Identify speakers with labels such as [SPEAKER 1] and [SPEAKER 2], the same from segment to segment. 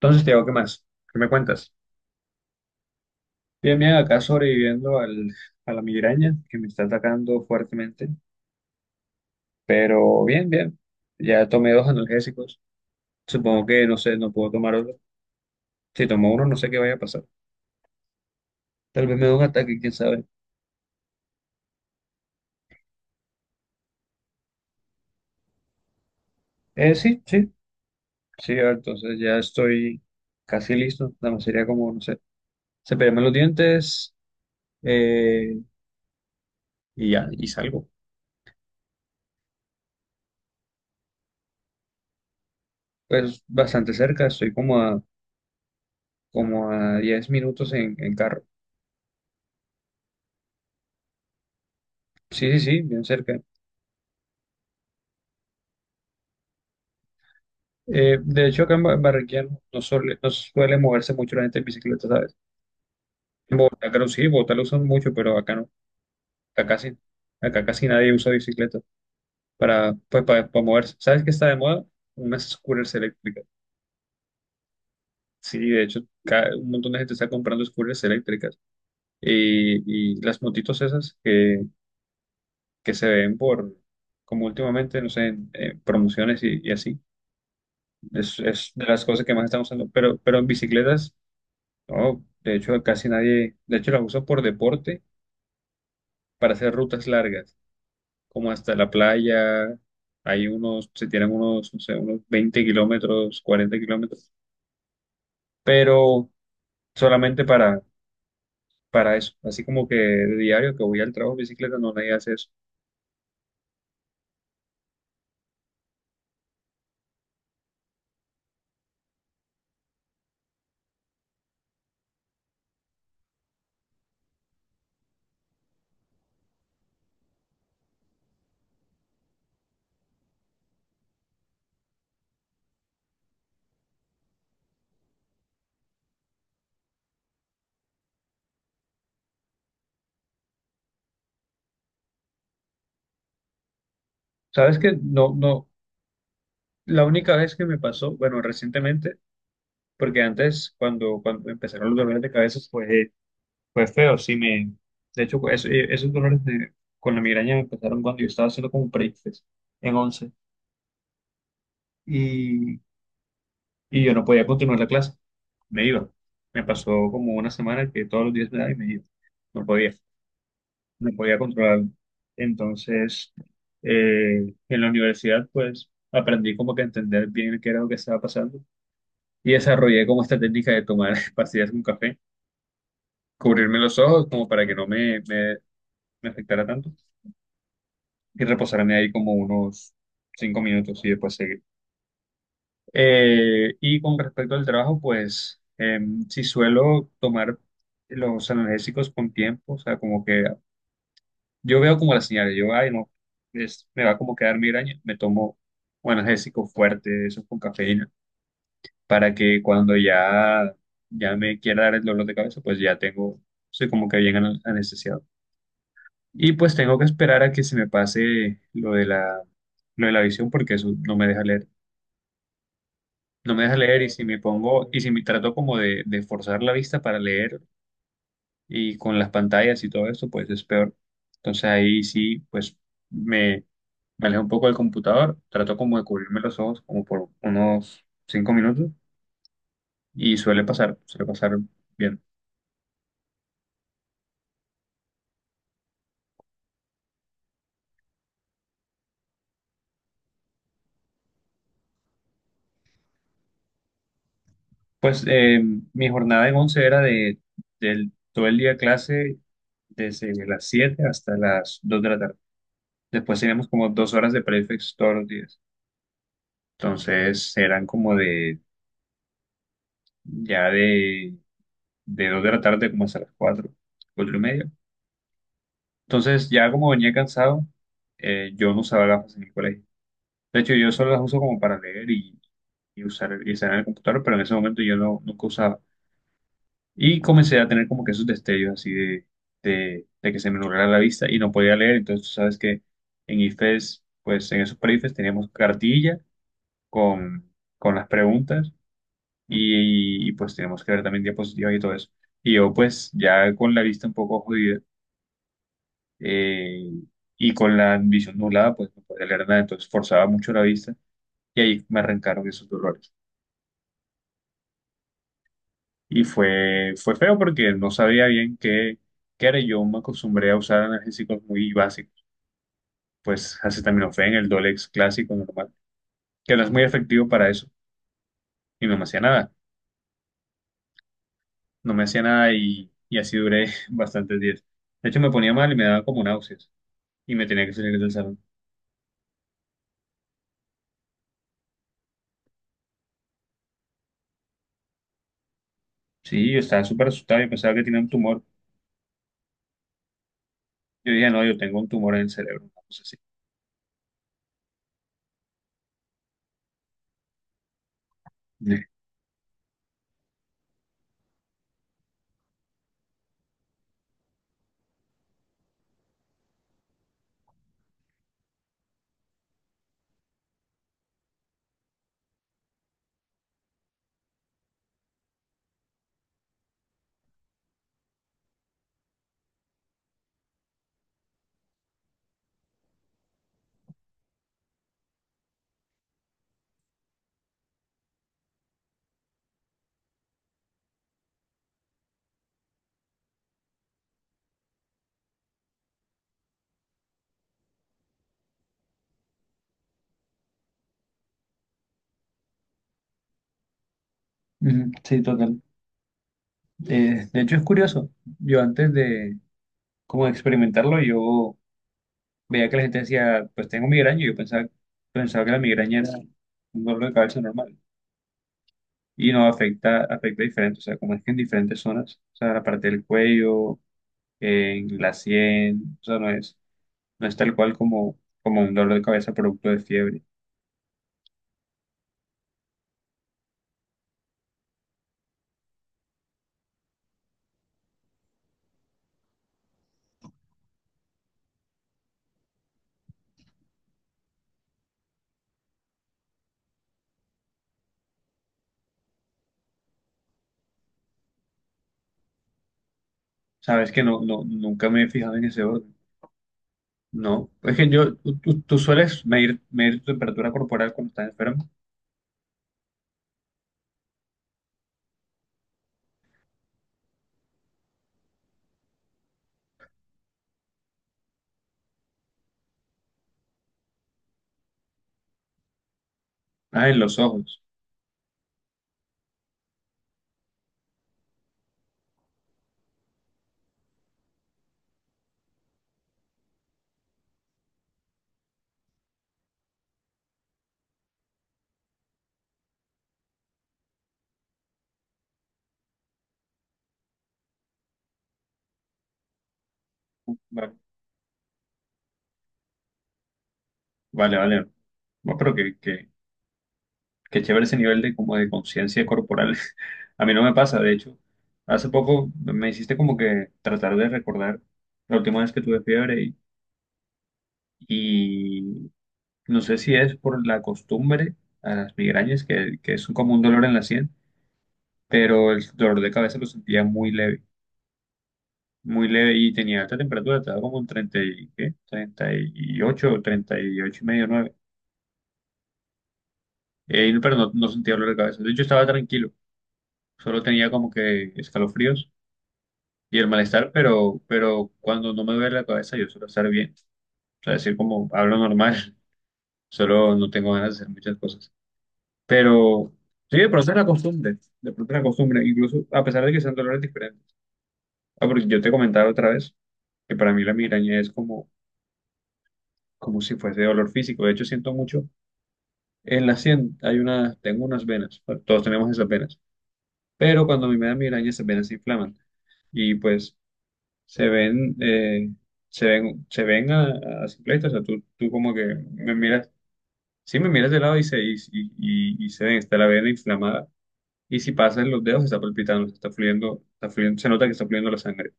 [SPEAKER 1] Entonces, Tiago, ¿qué más? ¿Qué me cuentas? Bien, bien, acá sobreviviendo a la migraña que me está atacando fuertemente, pero bien, bien. Ya tomé dos analgésicos. Supongo que, no sé, no puedo tomar otro. Si tomo uno, no sé qué vaya a pasar. Tal vez me dé un ataque, quién sabe. Sí, sí, sí, ah, entonces ya estoy casi listo. Nada más sería como, no sé, cepillarme los dientes eh, y ya, y salgo. Pues bastante cerca, estoy como como a 10 minutos en carro. Sí, sí, sí, bien cerca. De hecho, acá en Barranquilla no suele, no suele moverse mucho la gente en bicicleta, ¿sabes? En Bogotá, claro, sí, en Bogotá lo usan mucho, pero acá no. Acá casi, acá casi nadie usa bicicleta para, pues, para moverse. ¿Sabes qué está de moda? Unas scooters eléctricas. Sí, de hecho, un montón de gente está comprando scooters eléctricas. Y, y las motitos esas que se ven por, como últimamente, no sé, en promociones y así. Es de las cosas que más están usando. Pero en bicicletas. No, de hecho, casi nadie, de hecho, las uso por deporte para hacer rutas largas, como hasta la playa. Hay unos, se tienen unos, no sé, unos 20 kilómetros, 40 kilómetros, pero solamente para eso. Así como que de diario que voy al trabajo en bicicleta, no nadie hace eso. ¿Sabes que no, no, la única vez que me pasó, bueno, recientemente, porque antes, cuando empezaron los dolores de cabeza, pues fue feo, sí me... De hecho, esos dolores con la migraña me empezaron cuando yo estaba haciendo como un break en 11 y, y yo no podía continuar la clase, me iba. Me pasó como una semana que todos los días me daba y me iba. No podía, no podía controlarlo. Entonces, en la universidad, pues, aprendí como que a entender bien qué era lo que estaba pasando y desarrollé como esta técnica de tomar pastillas con café, cubrirme los ojos como para que no me afectara tanto y reposarme ahí como unos cinco minutos y después seguir. Y con respecto al trabajo, pues si suelo tomar los analgésicos con tiempo, o sea, como que yo veo como las señales, yo, ay, no, es, me va como a quedar migraña, me tomo un analgésico fuerte, eso con cafeína, para que cuando ya, ya me quiera dar el dolor de cabeza, pues ya tengo, soy como que bien anestesiado. Y pues tengo que esperar a que se me pase lo de la visión porque eso no me deja leer. No me deja leer y si me pongo, y si me trato como de forzar la vista para leer y con las pantallas y todo esto, pues es peor. Entonces ahí sí, pues me, me alejo un poco del computador, trato como de cubrirme los ojos como por unos cinco minutos y suele pasar bien. Pues mi jornada en 11 era de, del, todo el día clase desde las 7 hasta las 2 de la tarde. Después teníamos como dos horas de prefix todos los días. Entonces eran como de ya de 2 de la tarde como hasta las 4 4 y media. Entonces, ya como venía cansado, yo no usaba gafas en el colegio. De hecho, yo solo las uso como para leer y usar, y estar en el computador, pero en ese momento yo no, nunca usaba. Y comencé a tener como que esos destellos así de que se me nublara la vista y no podía leer. Entonces, tú sabes que en IFES, pues en esos pre-IFES teníamos cartilla con, con las preguntas y, pues tenemos que ver también diapositivas y todo eso. Y yo pues ya con la vista un poco jodida eh, y con la visión nublada pues no podía leer nada, entonces forzaba mucho la vista y ahí me arrancaron esos dolores. Y fue, fue feo porque no sabía bien qué, qué era. Yo me acostumbré a usar analgésicos muy básicos, pues acetaminofén, el Dolex clásico normal, que no es muy efectivo para eso y no me hacía nada, no me hacía nada y, y así duré bastantes días. De hecho me ponía mal y me daba como náuseas, y me tenía que salir del salón. Sí, yo estaba súper asustado, yo pensaba que tenía un tumor. Yo dije, no, yo tengo un tumor en el cerebro, una cosa así. Ujú, sí, total. De hecho, es curioso. Yo antes de como de experimentarlo, yo veía que la gente decía, pues tengo migraña, y yo pensaba, pensaba que la migraña era un dolor de cabeza normal. Y no, afecta, afecta diferente, o sea, como es que en diferentes zonas, o sea, la parte del cuello, en la sien, o sea, no es, no es tal cual como, como un dolor de cabeza producto de fiebre. Sabes que no, no, nunca me he fijado en ese orden. No, es que yo, tú, tú sueles medir, medir tu temperatura corporal cuando estás enfermo. Ah, en los ojos. Bueno, vale, vale. Bueno, pero que chévere ese nivel de como de conciencia corporal. A mí no me pasa, de hecho. Hace poco me hiciste como que tratar de recordar la última vez que tuve fiebre y no sé si es por la costumbre a las migrañas, que es como un dolor en la sien, pero el dolor de cabeza lo sentía muy leve. Muy leve y tenía alta temperatura, estaba como en 30 y, ¿qué? Treinta y ocho y medio, nueve. Pero no, no sentía dolor de cabeza. De hecho, estaba tranquilo, solo tenía como que escalofríos y el malestar, pero cuando no me duele la cabeza yo suelo estar bien. O sea, decir como hablo normal, solo no tengo ganas de hacer muchas cosas. Pero sí, de pronto es la costumbre, de pronto es la costumbre, incluso a pesar de que sean dolores diferentes. Ah, porque yo te comentaba otra vez que para mí la migraña es como, como si fuese dolor físico. De hecho, siento mucho. En la sien hay una, tengo unas venas, pues, todos tenemos esas venas, pero cuando a mí me da migraña esas venas se inflaman y pues se ven, se ven, se ven a simple vista, o sea, tú como que me miras, sí me miras de lado y se, y, y se ven, está la vena inflamada y si pasas los dedos está palpitando, está fluyendo, se nota que está fluyendo la sangre,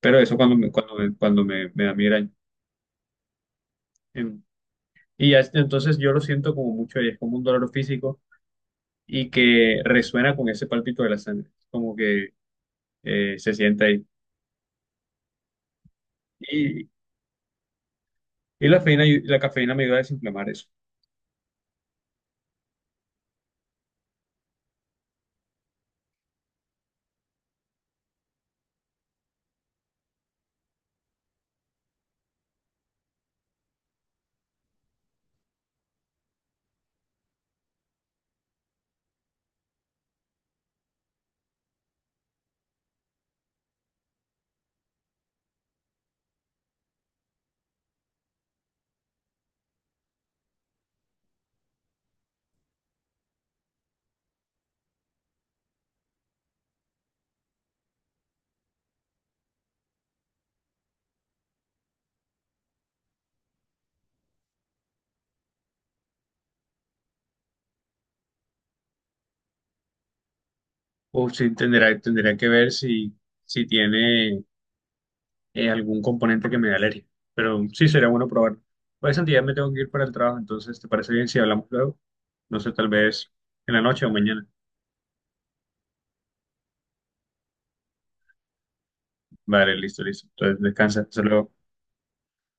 [SPEAKER 1] pero eso cuando me, cuando me, cuando me da migraña. Em, Y ya, entonces yo lo siento como mucho, y es como un dolor físico y que resuena con ese palpito de la sangre, como que se siente ahí. Y, y la cafeína, la cafeína me ayuda a desinflamar eso. O si tendrá, tendría que ver si, si tiene algún componente que me dé alergia. Pero sí sería bueno probarlo. Pues Santi, ya me tengo que ir para el trabajo, entonces ¿te parece bien si hablamos luego? No sé, tal vez en la noche o mañana. Vale, listo, listo. Entonces descansa, hasta luego.